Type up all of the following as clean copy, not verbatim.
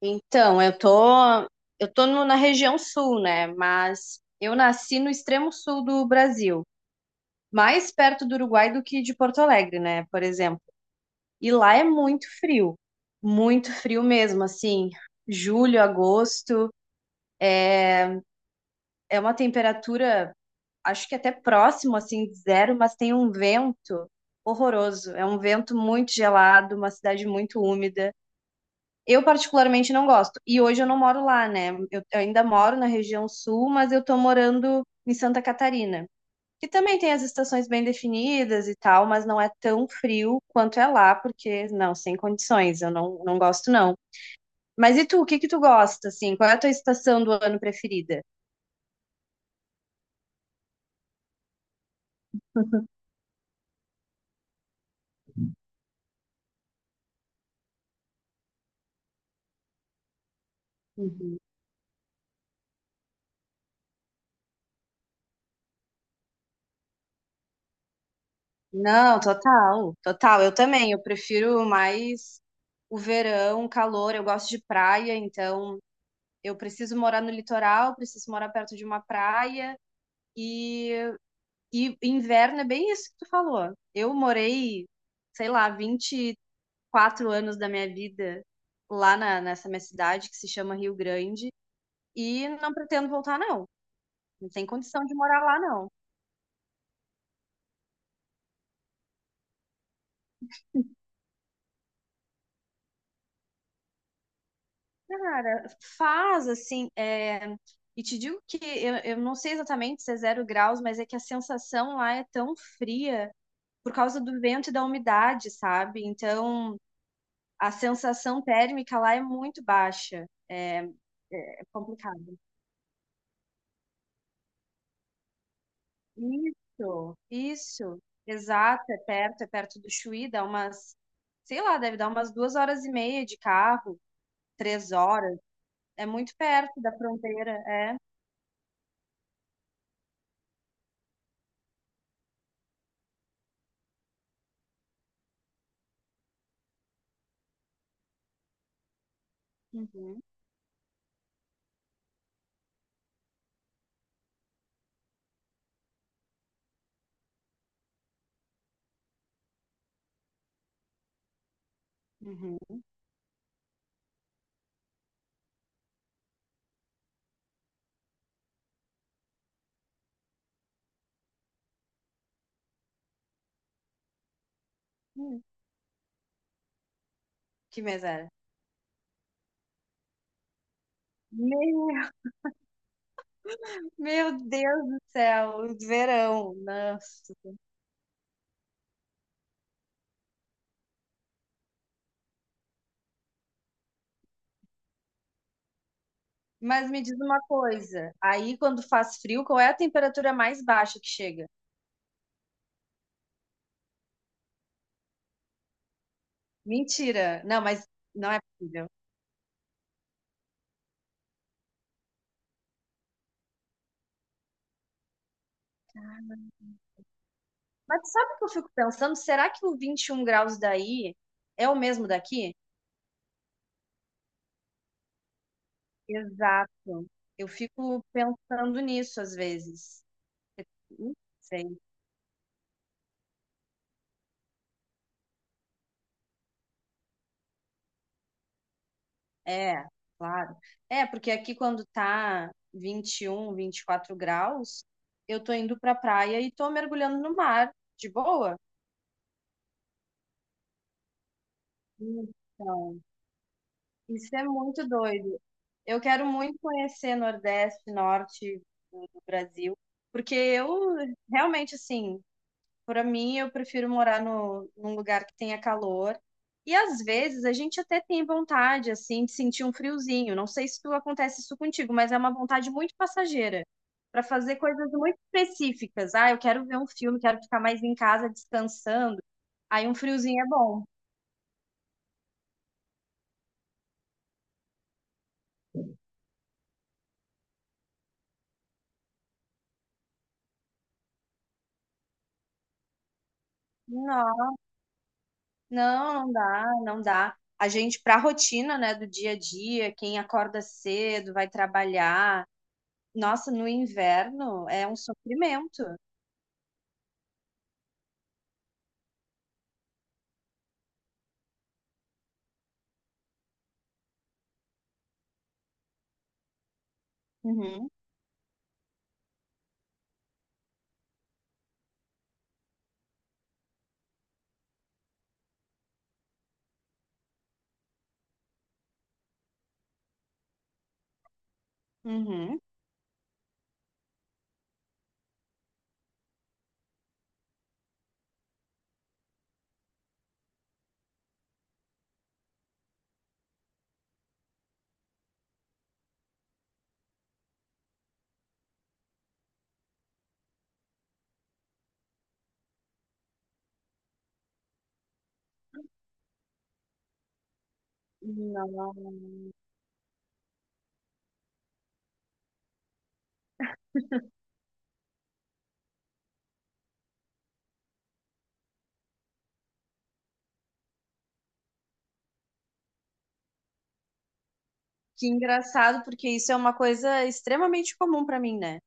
Então, eu tô no- na região sul, né? Mas eu nasci no extremo sul do Brasil, mais perto do Uruguai do que de Porto Alegre, né? Por exemplo. E lá é muito frio mesmo, assim, julho, agosto, é uma temperatura, acho que até próximo, assim, de zero, mas tem um vento horroroso. É um vento muito gelado, uma cidade muito úmida. Eu particularmente não gosto. E hoje eu não moro lá, né? Eu ainda moro na região sul, mas eu tô morando em Santa Catarina, que também tem as estações bem definidas e tal, mas não é tão frio quanto é lá, porque não, sem condições, eu não, não gosto não. Mas e tu, o que que tu gosta assim? Qual é a tua estação do ano preferida? Uhum. Não, total, total. Eu também, eu prefiro mais o verão, o calor, eu gosto de praia, então eu preciso morar no litoral, preciso morar perto de uma praia. E, e inverno é bem isso que tu falou. Eu morei, sei lá, 24 anos da minha vida lá na, nessa minha cidade, que se chama Rio Grande, e não pretendo voltar, não. Não tem condição de morar lá, não. Cara, faz assim. E te digo que eu não sei exatamente se é zero graus, mas é que a sensação lá é tão fria por causa do vento e da umidade, sabe? Então a sensação térmica lá é muito baixa. É complicado. Isso, isso. Exato, é perto do Chuí, dá umas, sei lá, deve dar umas 2 horas e meia de carro, 3 horas. É muito perto da fronteira, é. Uhum, uhum. Hum, que mês? Meu, meu Deus do céu, verão, nossa. Mas me diz uma coisa, aí quando faz frio, qual é a temperatura mais baixa que chega? Mentira. Não, mas não é possível. Mas sabe o que eu fico pensando? Será que o 21 graus daí é o mesmo daqui? Exato. Eu fico pensando nisso às vezes. Não sei. É, claro. É, porque aqui quando tá vinte e um, vinte e quatro graus, eu tô indo pra praia e tô mergulhando no mar, de boa. Então, isso é muito doido. Eu quero muito conhecer Nordeste, Norte do Brasil, porque eu realmente, assim, para mim, eu prefiro morar no, num lugar que tenha calor. E às vezes a gente até tem vontade, assim, de sentir um friozinho. Não sei se tu acontece isso contigo, mas é uma vontade muito passageira para fazer coisas muito específicas. Ah, eu quero ver um filme, quero ficar mais em casa descansando. Aí um friozinho é bom. Não, não dá, não dá. A gente, para a rotina, né, do dia a dia, quem acorda cedo, vai trabalhar. Nossa, no inverno é um sofrimento. Uhum, uhum. Não. Que engraçado, porque isso é uma coisa extremamente comum para mim, né?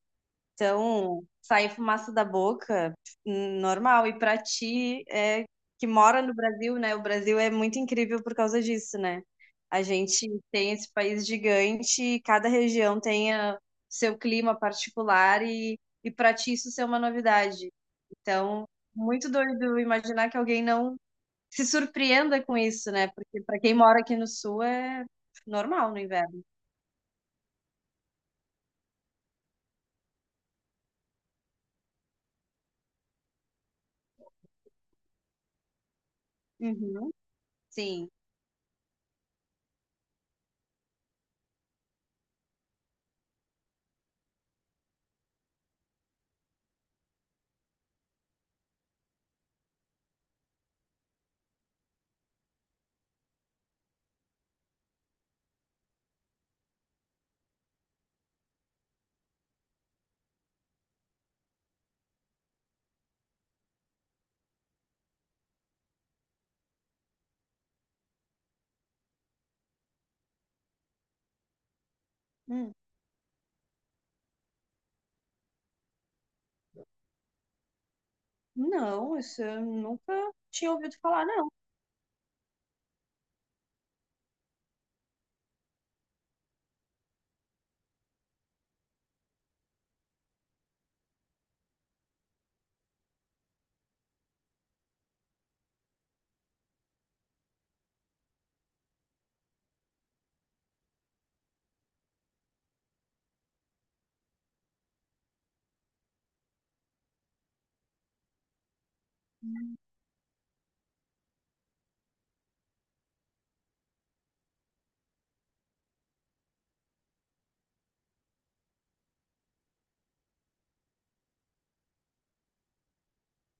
Então, sair fumaça da boca, normal. E pra ti, é, que mora no Brasil, né? O Brasil é muito incrível por causa disso, né? A gente tem esse país gigante e cada região tem seu clima particular e, pra ti isso ser uma novidade. Então, muito doido imaginar que alguém não se surpreenda com isso, né? Porque pra quem mora aqui no Sul é normal no inverno. Uhum. Sim. Não, isso eu nunca tinha ouvido falar, não.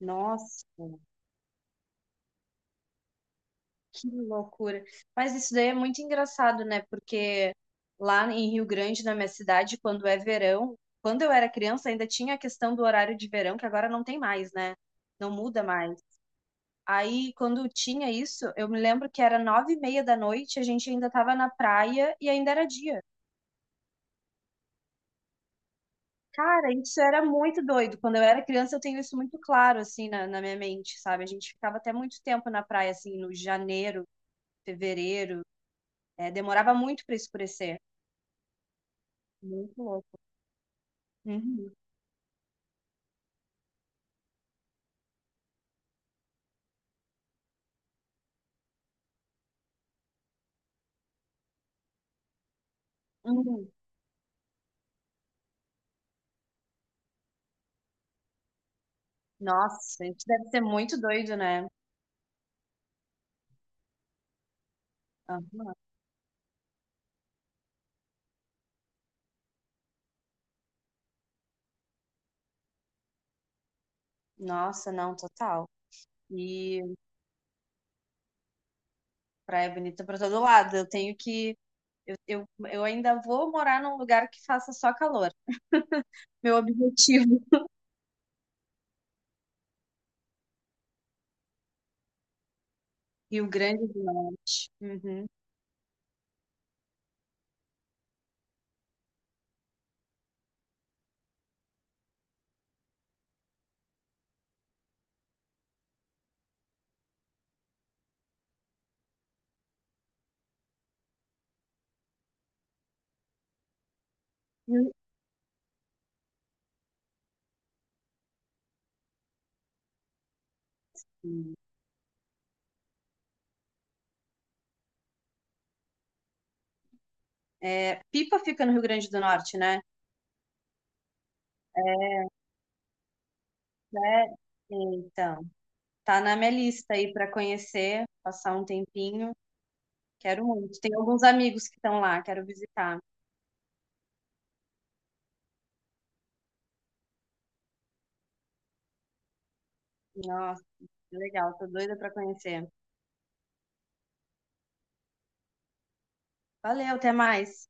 Nossa, que loucura. Mas isso daí é muito engraçado, né? Porque lá em Rio Grande, na minha cidade, quando é verão, quando eu era criança, ainda tinha a questão do horário de verão, que agora não tem mais, né? Não muda mais. Aí, quando tinha isso, eu me lembro que era 21h30 da noite, a gente ainda estava na praia e ainda era dia. Cara, isso era muito doido. Quando eu era criança, eu tenho isso muito claro, assim, na minha mente, sabe? A gente ficava até muito tempo na praia, assim, no janeiro, fevereiro. É, demorava muito para escurecer. Muito louco. Uhum. Uhum. Nossa, isso deve ser muito doido, né? Aham. Nossa, não, total. E praia bonita para todo lado. Eu tenho que. Eu, eu, eu ainda vou morar num lugar que faça só calor. Meu objetivo. E o Grande do Norte. Uhum. É, Pipa fica no Rio Grande do Norte, né? É, então, tá na minha lista aí para conhecer, passar um tempinho. Quero muito. Tem alguns amigos que estão lá, quero visitar. Nossa, que legal, tô doida para conhecer. Valeu, até mais.